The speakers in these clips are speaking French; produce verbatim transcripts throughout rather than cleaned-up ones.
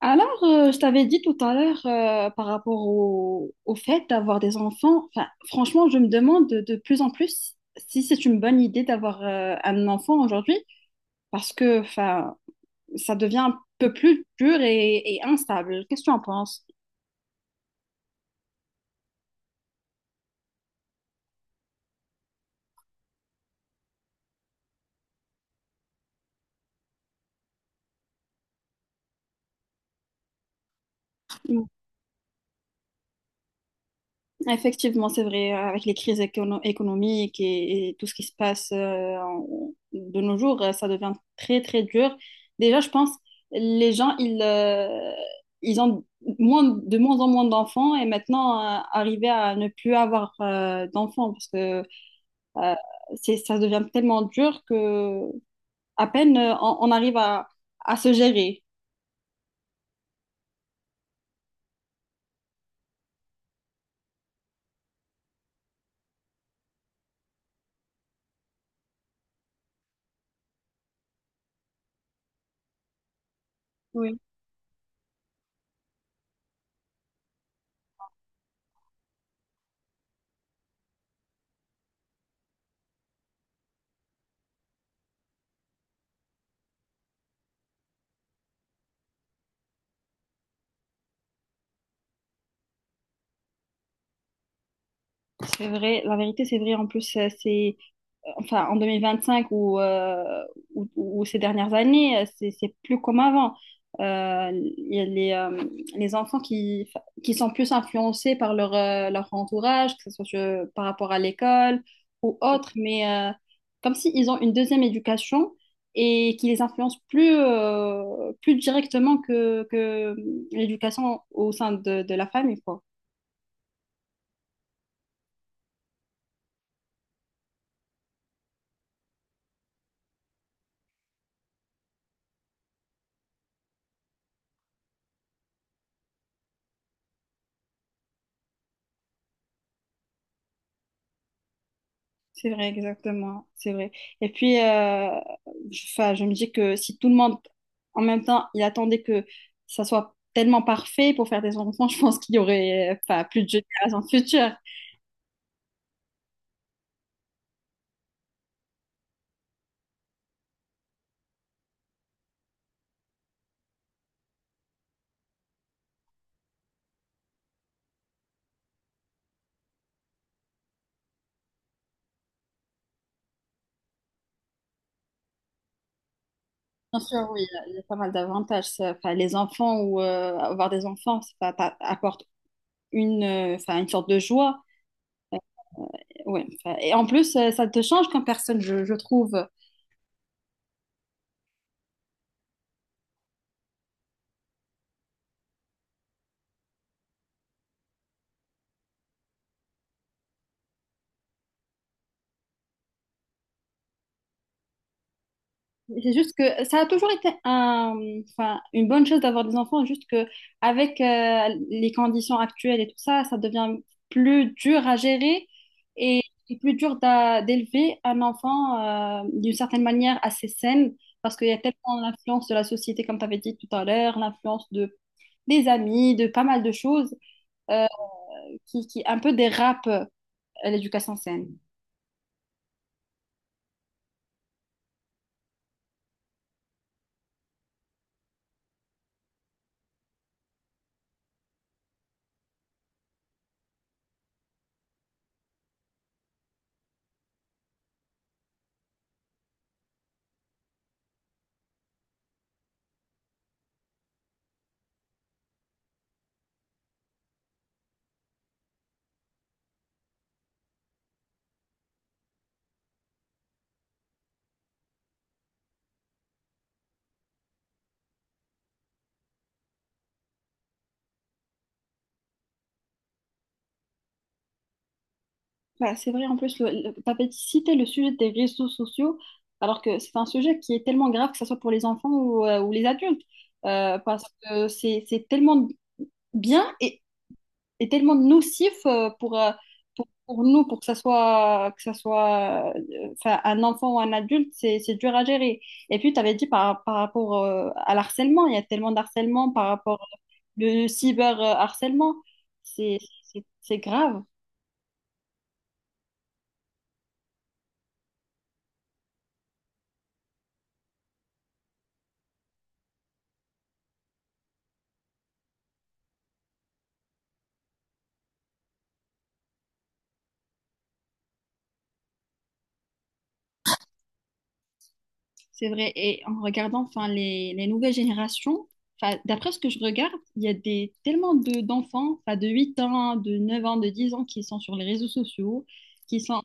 Alors, euh, je t'avais dit tout à l'heure euh, par rapport au, au fait d'avoir des enfants. Enfin, franchement, je me demande de, de plus en plus si c'est une bonne idée d'avoir euh, un enfant aujourd'hui parce que enfin, ça devient un peu plus dur et, et instable. Qu'est-ce que tu en penses? Effectivement, c'est vrai, avec les crises écono- économiques et, et tout ce qui se passe euh, en- de nos jours, euh, ça devient très, très dur. Déjà, je pense, les gens, ils, euh, ils ont moins, de moins en moins d'enfants et maintenant, euh, arriver à ne plus avoir euh, d'enfants parce que euh, c'est, ça devient tellement dur que à peine euh, on, on arrive à, à se gérer. Oui. C'est vrai, la vérité, c'est vrai. En plus, euh, c'est enfin, en deux mille vingt-cinq ou, euh, ou, ou ces dernières années, euh, c'est c'est plus comme avant. Euh, Il y a les, euh, les enfants qui, enfin, qui sont plus influencés par leur, euh, leur entourage, que ce soit euh, par rapport à l'école ou autre, mais euh, comme s'ils ont une deuxième éducation et qui les influence plus, euh, plus directement que, que l'éducation au sein de, de la famille, quoi. C'est vrai, exactement, c'est vrai. Et puis, euh, je, 'fin, je me dis que si tout le monde, en même temps, il attendait que ça soit tellement parfait pour faire des enfants, je pense qu'il y aurait, enfin, plus de générations futures. Bien sûr, oui, il y a pas mal d'avantages. Ça. 'Fin, les enfants ou euh, avoir des enfants, ça t'a- apporte une, euh, 'fin, une sorte de joie. Ouais, 'fin, et en plus, euh, ça te change comme personne, je, je trouve. C'est juste que ça a toujours été un, enfin, une bonne chose d'avoir des enfants, juste que avec euh, les conditions actuelles et tout ça, ça devient plus dur à gérer et, et plus dur d'a- d'élever un enfant euh, d'une certaine manière assez saine, parce qu'il y a tellement l'influence de la société, comme tu avais dit tout à l'heure, l'influence de, des amis, de pas mal de choses euh, qui, qui un peu dérapent euh, l'éducation saine. Bah, c'est vrai, en plus, le, tu avais cité le sujet des réseaux sociaux, alors que c'est un sujet qui est tellement grave, que ce soit pour les enfants ou, euh, ou les adultes, euh, parce que c'est c'est tellement bien et, et tellement nocif euh, pour, euh, pour, pour nous, pour que ça soit, que ça soit euh, enfin, un enfant ou un adulte, c'est c'est dur à gérer. Et puis, tu avais dit par, par rapport euh, à l'harcèlement, il y a tellement d'harcèlement par rapport au cyberharcèlement, c'est c'est- c'est grave. C'est vrai. Et en regardant enfin, les, les nouvelles générations, enfin, d'après ce que je regarde, il y a des, tellement de, d'enfants, enfin, de huit ans, de neuf ans, de dix ans, qui sont sur les réseaux sociaux, qui sont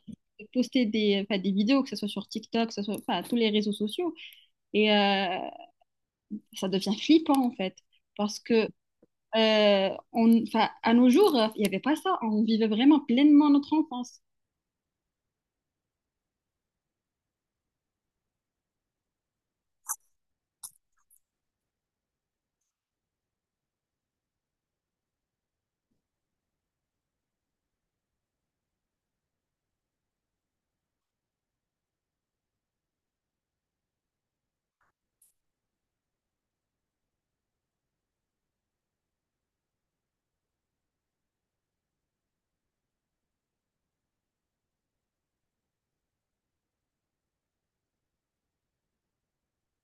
poster des, enfin, des vidéos, que ce soit sur TikTok, que ce soit enfin, tous les réseaux sociaux. Et euh, Ça devient flippant, en fait. Parce que euh, on, enfin, à nos jours, il n'y avait pas ça. On vivait vraiment pleinement notre enfance.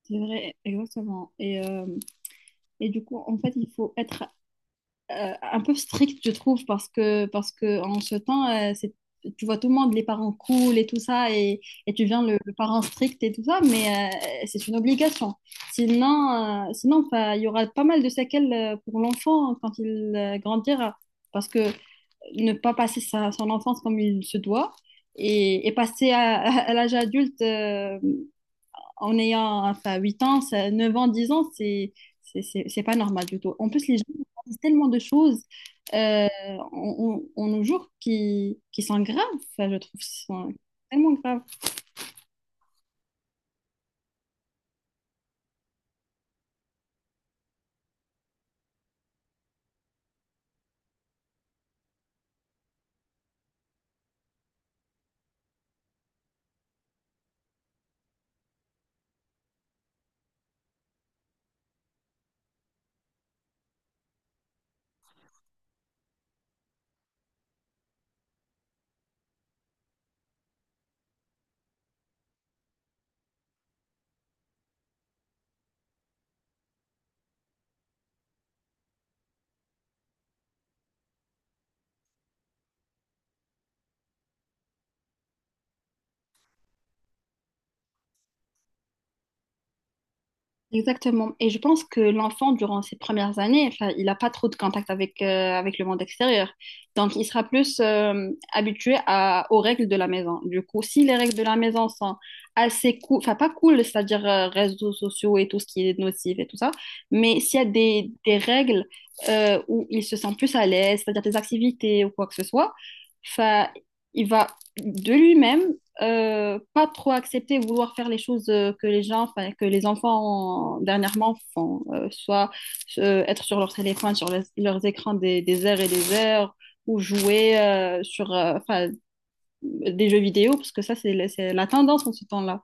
C'est vrai, exactement. Et, euh, et du coup, en fait, il faut être euh, un peu strict, je trouve, parce que, parce que en ce temps, euh, c'est- tu vois tout le monde, les parents cool et tout ça, et, et tu viens le, le parent strict et tout ça, mais euh, c'est une obligation. Sinon, euh, sinon enfin, il y aura pas mal de séquelles euh, pour l'enfant quand il euh, grandira, parce que ne pas passer sa, son enfance comme il se doit et, et passer à, à à l'âge adulte. Euh, en ayant enfin, huit ans, ça- neuf ans, dix ans, c'est c'est c'est- c'est pas normal du tout. En plus, les gens disent tellement de choses euh, en, en- en nos jours qui, qui sont graves, enfin, je trouve, qui sont tellement graves. Exactement. Et je pense que l'enfant, durant ses premières années, enfin, il n'a pas trop de contact avec, euh, avec le monde extérieur. Donc, il sera plus euh, habitué à- aux règles de la maison. Du coup, si les règles de la maison sont assez cool, enfin, pas cool, c'est-à-dire euh, réseaux sociaux et tout ce qui est nocif et tout ça, mais s'il y a des, des règles euh, où il se sent plus à l'aise, c'est-à-dire des activités ou quoi que ce soit, enfin, il va de lui-même euh, pas trop accepter, vouloir faire les choses euh, que les gens, enfin, que les enfants euh, dernièrement font, euh, soit euh, être sur leur téléphone, sur les- leurs écrans des, des heures et des heures, ou jouer euh, sur euh, enfin, des jeux vidéo, parce que ça, c'est la- c'est la tendance en ce temps-là.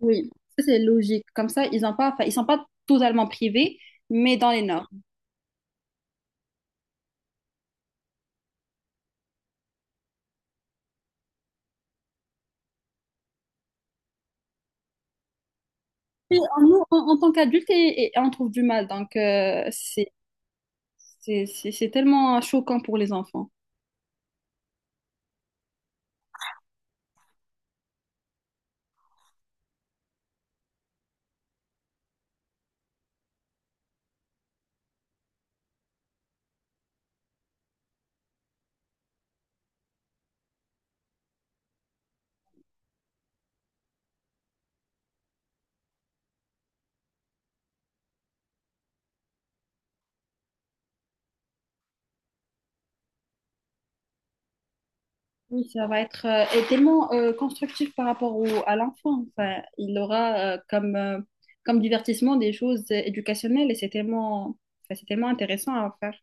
Oui, ça, c'est logique. Comme ça, ils ont pas, enfin, ils sont pas totalement privés, mais dans les normes. Et en- nous, en, en tant qu'adultes, et, et on trouve du mal, donc euh, c'est c'est- c'est- c'est tellement choquant pour les enfants. Oui, ça va être euh, et tellement euh, constructif par rapport au, à l'enfant. Enfin, il aura euh, comme, euh, comme divertissement des choses euh, éducationnelles et c'est tellement, enfin, c'est tellement intéressant à faire.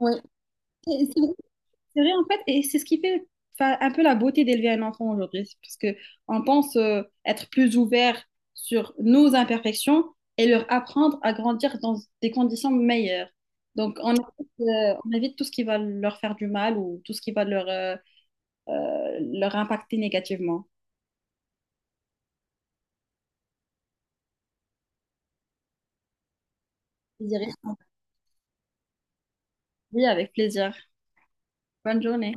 Oui, et c'est vrai, c'est vrai en fait, et c'est ce qui fait enfin, un peu la beauté d'élever un enfant aujourd'hui, c'est parce que on pense euh, être plus ouvert sur nos imperfections et leur apprendre à grandir dans des conditions meilleures. Donc on évite, euh, on évite tout ce qui va leur faire du mal ou tout ce qui va leur, euh, euh, leur impacter négativement. Vous irez avec plaisir. Bonne journée.